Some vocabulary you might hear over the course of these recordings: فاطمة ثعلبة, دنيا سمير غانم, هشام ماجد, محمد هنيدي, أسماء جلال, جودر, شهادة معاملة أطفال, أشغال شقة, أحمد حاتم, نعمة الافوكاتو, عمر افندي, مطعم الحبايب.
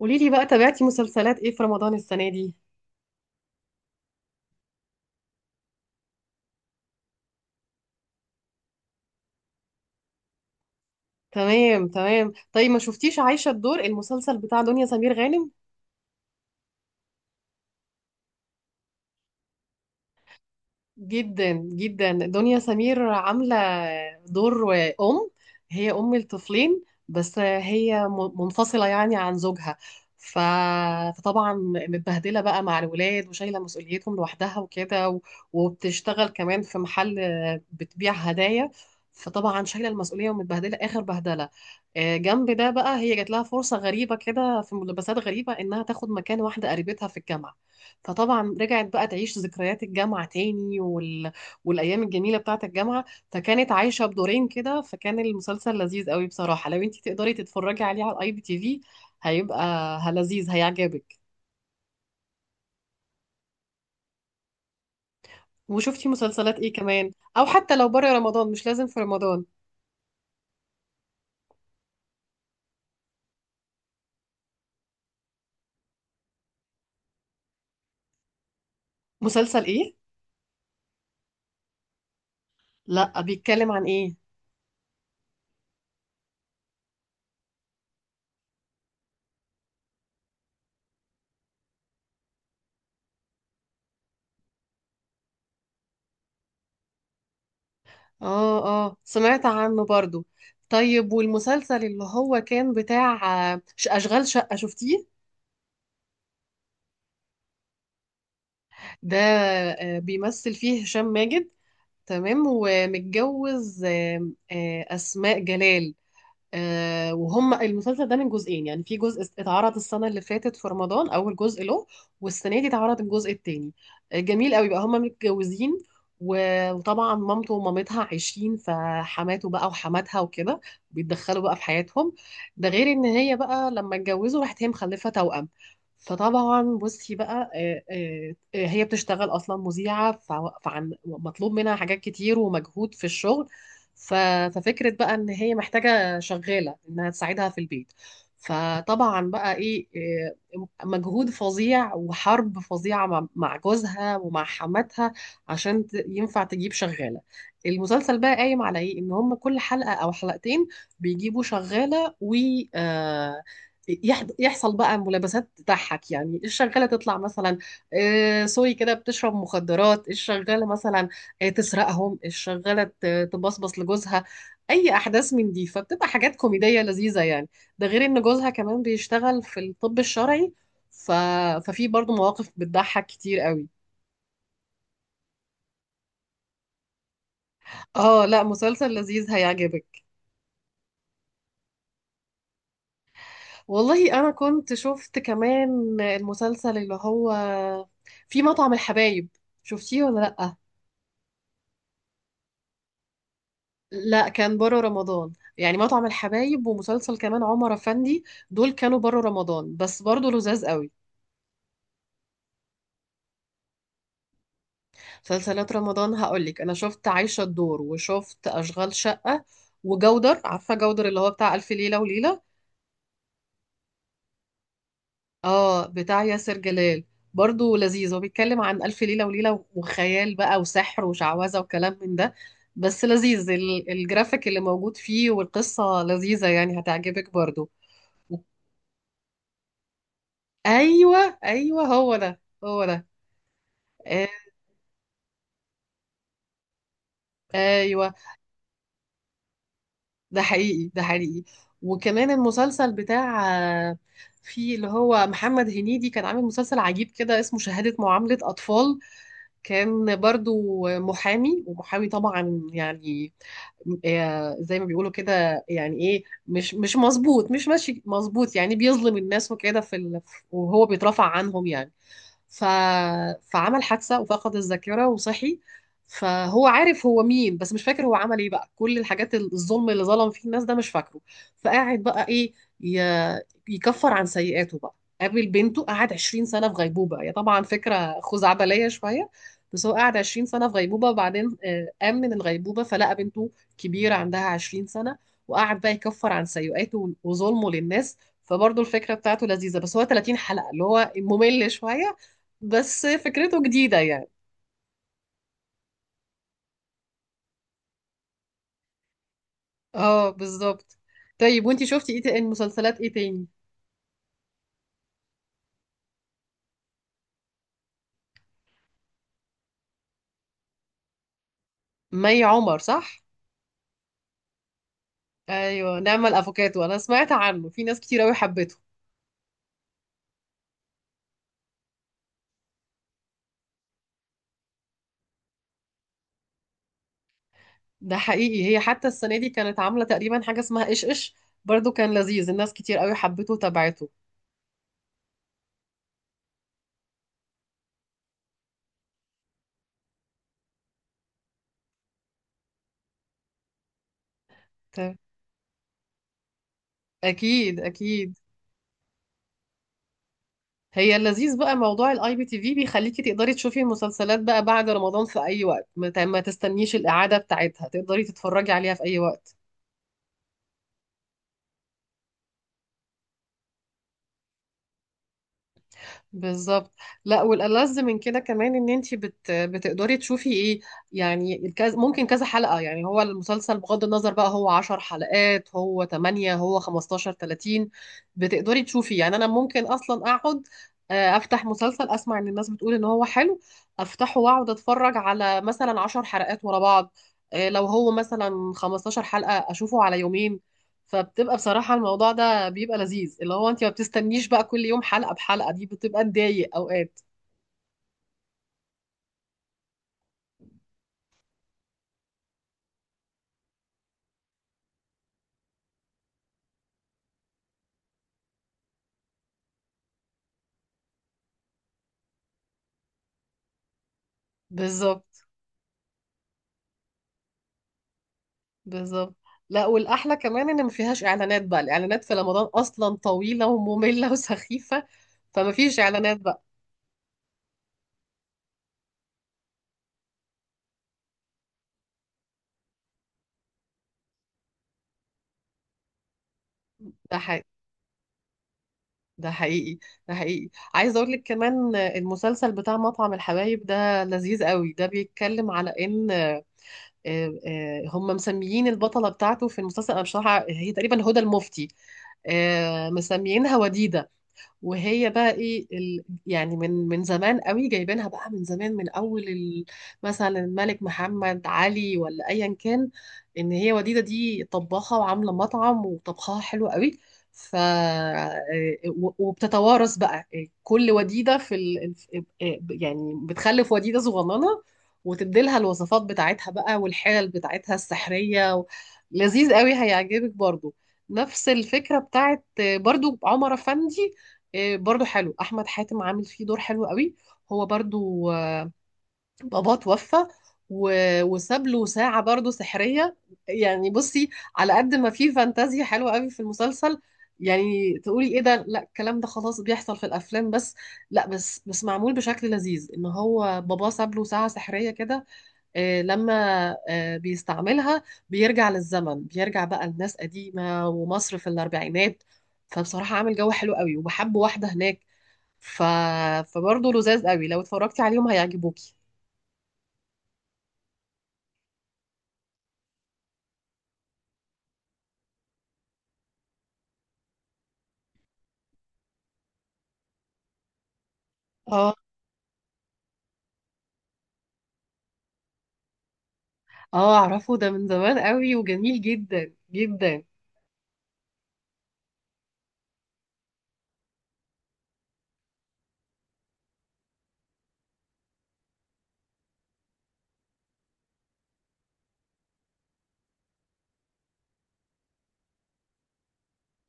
قولي لي بقى تابعتي مسلسلات ايه في رمضان السنة دي؟ تمام تمام، طيب ما شفتيش عايشة الدور المسلسل بتاع دنيا سمير غانم؟ جدا جدا دنيا سمير عاملة دور أم، هي أم الطفلين بس هي منفصلة يعني عن زوجها. ف... فطبعا متبهدلة بقى مع الولاد وشايلة مسؤوليتهم لوحدها وكده وبتشتغل كمان في محل بتبيع هدايا، فطبعا شايلة المسؤولية ومتبهدلة آخر بهدلة. جنب ده بقى هي جات لها فرصة غريبة كده في ملابسات غريبة إنها تاخد مكان واحدة قريبتها في الجامعة، فطبعا رجعت بقى تعيش ذكريات الجامعة تاني والأيام الجميلة بتاعة الجامعة، فكانت عايشة بدورين كده، فكان المسلسل لذيذ قوي بصراحة. لو انتي تقدري تتفرجي عليه على الاي بي تي في هيبقى لذيذ، هيعجبك. وشفتي مسلسلات ايه كمان؟ او حتى لو بره رمضان مش لازم في رمضان. مسلسل ايه؟ لا بيتكلم عن ايه؟ اه اه سمعت عنه برضو. طيب والمسلسل اللي هو كان بتاع أشغال شقة شفتيه؟ ده بيمثل فيه هشام ماجد، تمام، ومتجوز آم، آه، أسماء جلال. وهم المسلسل ده من جزئين، يعني في جزء اتعرض السنة اللي فاتت في رمضان أول جزء له، والسنة دي اتعرض الجزء التاني. جميل قوي بقى. هم متجوزين وطبعا مامته ومامتها عايشين، فحماته بقى وحماتها وكده بيتدخلوا بقى في حياتهم. ده غير ان هي بقى لما اتجوزوا راحت هي مخلفة توأم، فطبعا بصي بقى هي بتشتغل اصلا مذيعة فعن مطلوب منها حاجات كتير ومجهود في الشغل، ف- ففكرة بقى ان هي محتاجة شغالة انها تساعدها في البيت. فطبعا بقى ايه مجهود فظيع وحرب فظيعة مع جوزها ومع حماتها عشان ينفع تجيب شغالة. المسلسل بقى قايم على ايه؟ ان هم كل حلقة او حلقتين بيجيبوا شغالة و آه، يحصل بقى ملابسات تضحك، يعني الشغالة تطلع مثلا سوري كده، بتشرب مخدرات الشغالة مثلا، تسرقهم الشغالة، تبصبص لجوزها، اي احداث من دي، فبتبقى حاجات كوميديه لذيذه يعني. ده غير ان جوزها كمان بيشتغل في الطب الشرعي، ف... ففي برضو مواقف بتضحك كتير قوي. اه، لا مسلسل لذيذ هيعجبك. والله انا كنت شفت كمان المسلسل اللي هو في مطعم الحبايب، شفتيه ولا لا؟ لا كان بره رمضان. يعني مطعم الحبايب ومسلسل كمان عمر افندي، دول كانوا بره رمضان بس برضو لذاذ قوي. مسلسلات رمضان هقولك انا شفت عايشة الدور، وشفت اشغال شقة، وجودر. عارفة جودر اللي هو بتاع الف ليلة وليلة؟ اه بتاع ياسر جلال، برضو لذيذ. هو بيتكلم عن الف ليلة وليلة وخيال بقى وسحر وشعوذة وكلام من ده، بس لذيذ الجرافيك اللي موجود فيه والقصة لذيذة يعني، هتعجبك برضو. ايوه ايوه هو ده، هو ده. آه، ايوه. ده حقيقي ده حقيقي. وكمان المسلسل بتاع آه، في اللي هو محمد هنيدي كان عامل مسلسل عجيب كده اسمه شهادة معاملة أطفال، كان برضو محامي، ومحامي طبعا يعني زي ما بيقولوا كده، يعني ايه مش مظبوط، مش ماشي مظبوط، يعني بيظلم الناس وكده في وهو بيترفع عنهم يعني. ف... فعمل حادثة وفقد الذاكرة وصحي، فهو عارف هو مين بس مش فاكر هو عمل ايه بقى، كل الحاجات الظلم اللي ظلم فيه الناس ده مش فاكره. فقاعد بقى ايه، ي... يكفر عن سيئاته بقى. قابل بنته، قعد 20 سنة في غيبوبة، هي طبعا فكرة خزعبلية شوية، بس هو قعد 20 سنة في غيبوبة وبعدين قام من الغيبوبة فلقى بنته كبيرة عندها 20 سنة، وقعد بقى يكفر عن سيئاته وظلمه للناس. فبرضه الفكرة بتاعته لذيذة، بس هو 30 حلقة اللي هو ممل شوية، بس فكرته جديدة يعني. اه بالظبط. طيب وانتي شفتي ايه تاني، مسلسلات ايه تاني؟ مي عمر صح؟ ايوه نعمة الافوكاتو، انا سمعت عنه، في ناس كتير قوي حبته. ده حقيقي. هي حتى السنة دي كانت عاملة تقريبا حاجة اسمها ايش ايش، برضو كان لذيذ، الناس كتير قوي حبته وتابعته. ت- اكيد اكيد. هي اللذيذ بقى موضوع الاي بي تي في بيخليكي تقدري تشوفي المسلسلات بقى بعد رمضان في اي وقت، ما تستنيش الاعادة بتاعتها، تقدري تتفرجي عليها في اي وقت. بالظبط. لا، والألذ من كده كمان ان انت بتقدري تشوفي ايه يعني ممكن كذا حلقة، يعني هو المسلسل بغض النظر بقى هو 10 حلقات، هو 8، هو 15، 30، بتقدري تشوفي يعني. انا ممكن اصلا اقعد افتح مسلسل، اسمع ان الناس بتقول ان هو حلو، افتحه واقعد اتفرج على مثلا 10 حلقات ورا بعض، لو هو مثلا 15 حلقة اشوفه على يومين. فبتبقى بصراحة الموضوع ده بيبقى لذيذ، اللي هو انت ما بتستنيش بقى كل يوم حلقة بحلقة، دي بتبقى تضايق اوقات. بالظبط بالظبط. لا، والاحلى كمان ان ما فيهاش اعلانات بقى، الاعلانات في رمضان اصلا طويلة ومملة وسخيفة، فما فيش اعلانات بقى. ده حقيقي ده حقيقي ده حقيقي. عايزة اقول لك كمان المسلسل بتاع مطعم الحبايب ده لذيذ قوي. ده بيتكلم على ان هم مسميين البطلة بتاعته في المسلسل، أنا بصراحة هي تقريبا هدى المفتي، مسميينها وديدة، وهي بقى ايه يعني من زمان قوي جايبينها بقى، من زمان، من اول مثلا الملك محمد علي ولا ايا كان، ان هي وديده دي طباخه وعامله مطعم وطبخها حلو قوي. ف وبتتوارث بقى كل وديده في يعني بتخلف وديده صغننه وتديلها الوصفات بتاعتها بقى والحيل بتاعتها السحريه لذيذ قوي، هيعجبك برضو. نفس الفكره بتاعت برضو عمر افندي، برضو حلو، احمد حاتم عامل فيه دور حلو قوي. هو برضو باباه توفى وساب له ساعة برضو سحرية. يعني بصي، على قد ما في فانتازيا حلوة قوي في المسلسل، يعني تقولي ايه ده، لا الكلام ده خلاص بيحصل في الافلام بس، لا بس معمول بشكل لذيذ، ان هو باباه ساب له ساعة سحرية كده، لما بيستعملها بيرجع للزمن، بيرجع بقى لناس قديمة ومصر في الاربعينات، فبصراحة عامل جو حلو قوي وبحب واحدة هناك، ف... فبرضه لذاذ قوي، لو اتفرجتي عليهم هيعجبوكي. اه اه اعرفه ده من زمان قوي وجميل جدا جدا.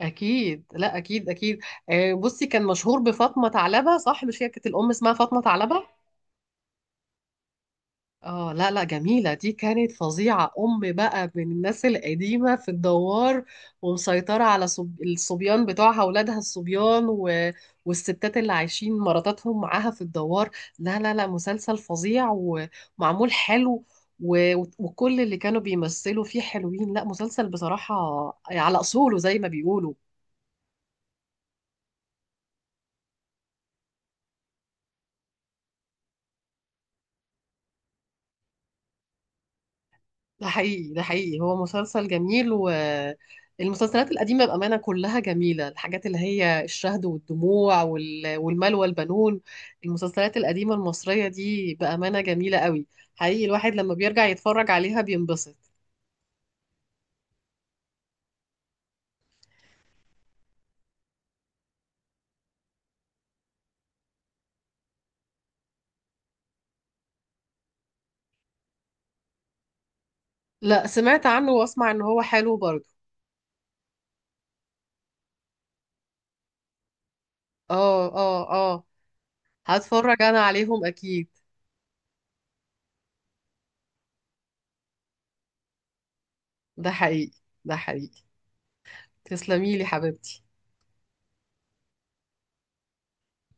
اكيد لا اكيد اكيد. بصي، كان مشهور بفاطمه ثعلبه صح، مش هي كانت الام اسمها فاطمه ثعلبه؟ اه لا لا، جميلة دي كانت فظيعة، أم بقى من الناس القديمة في الدوار، ومسيطرة على الصبيان بتوعها أولادها الصبيان والستات اللي عايشين مراتاتهم معاها في الدوار. لا لا لا مسلسل فظيع ومعمول حلو، وكل اللي كانوا بيمثلوا فيه حلوين، لا مسلسل بصراحة على أصوله زي ما بيقولوا. ده حقيقي ده حقيقي، هو مسلسل جميل. والمسلسلات القديمة بأمانة كلها جميلة، الحاجات اللي هي الشهد والدموع والمال والبنون، المسلسلات القديمة المصرية دي بأمانة جميلة قوي، حقيقي الواحد لما بيرجع يتفرج عليها بينبسط. لا سمعت عنه، واسمع ان هو حلو برضه. اه اه اه، هتفرج انا عليهم اكيد. ده حقيقي ده حقيقي. تسلميلي حبيبتي.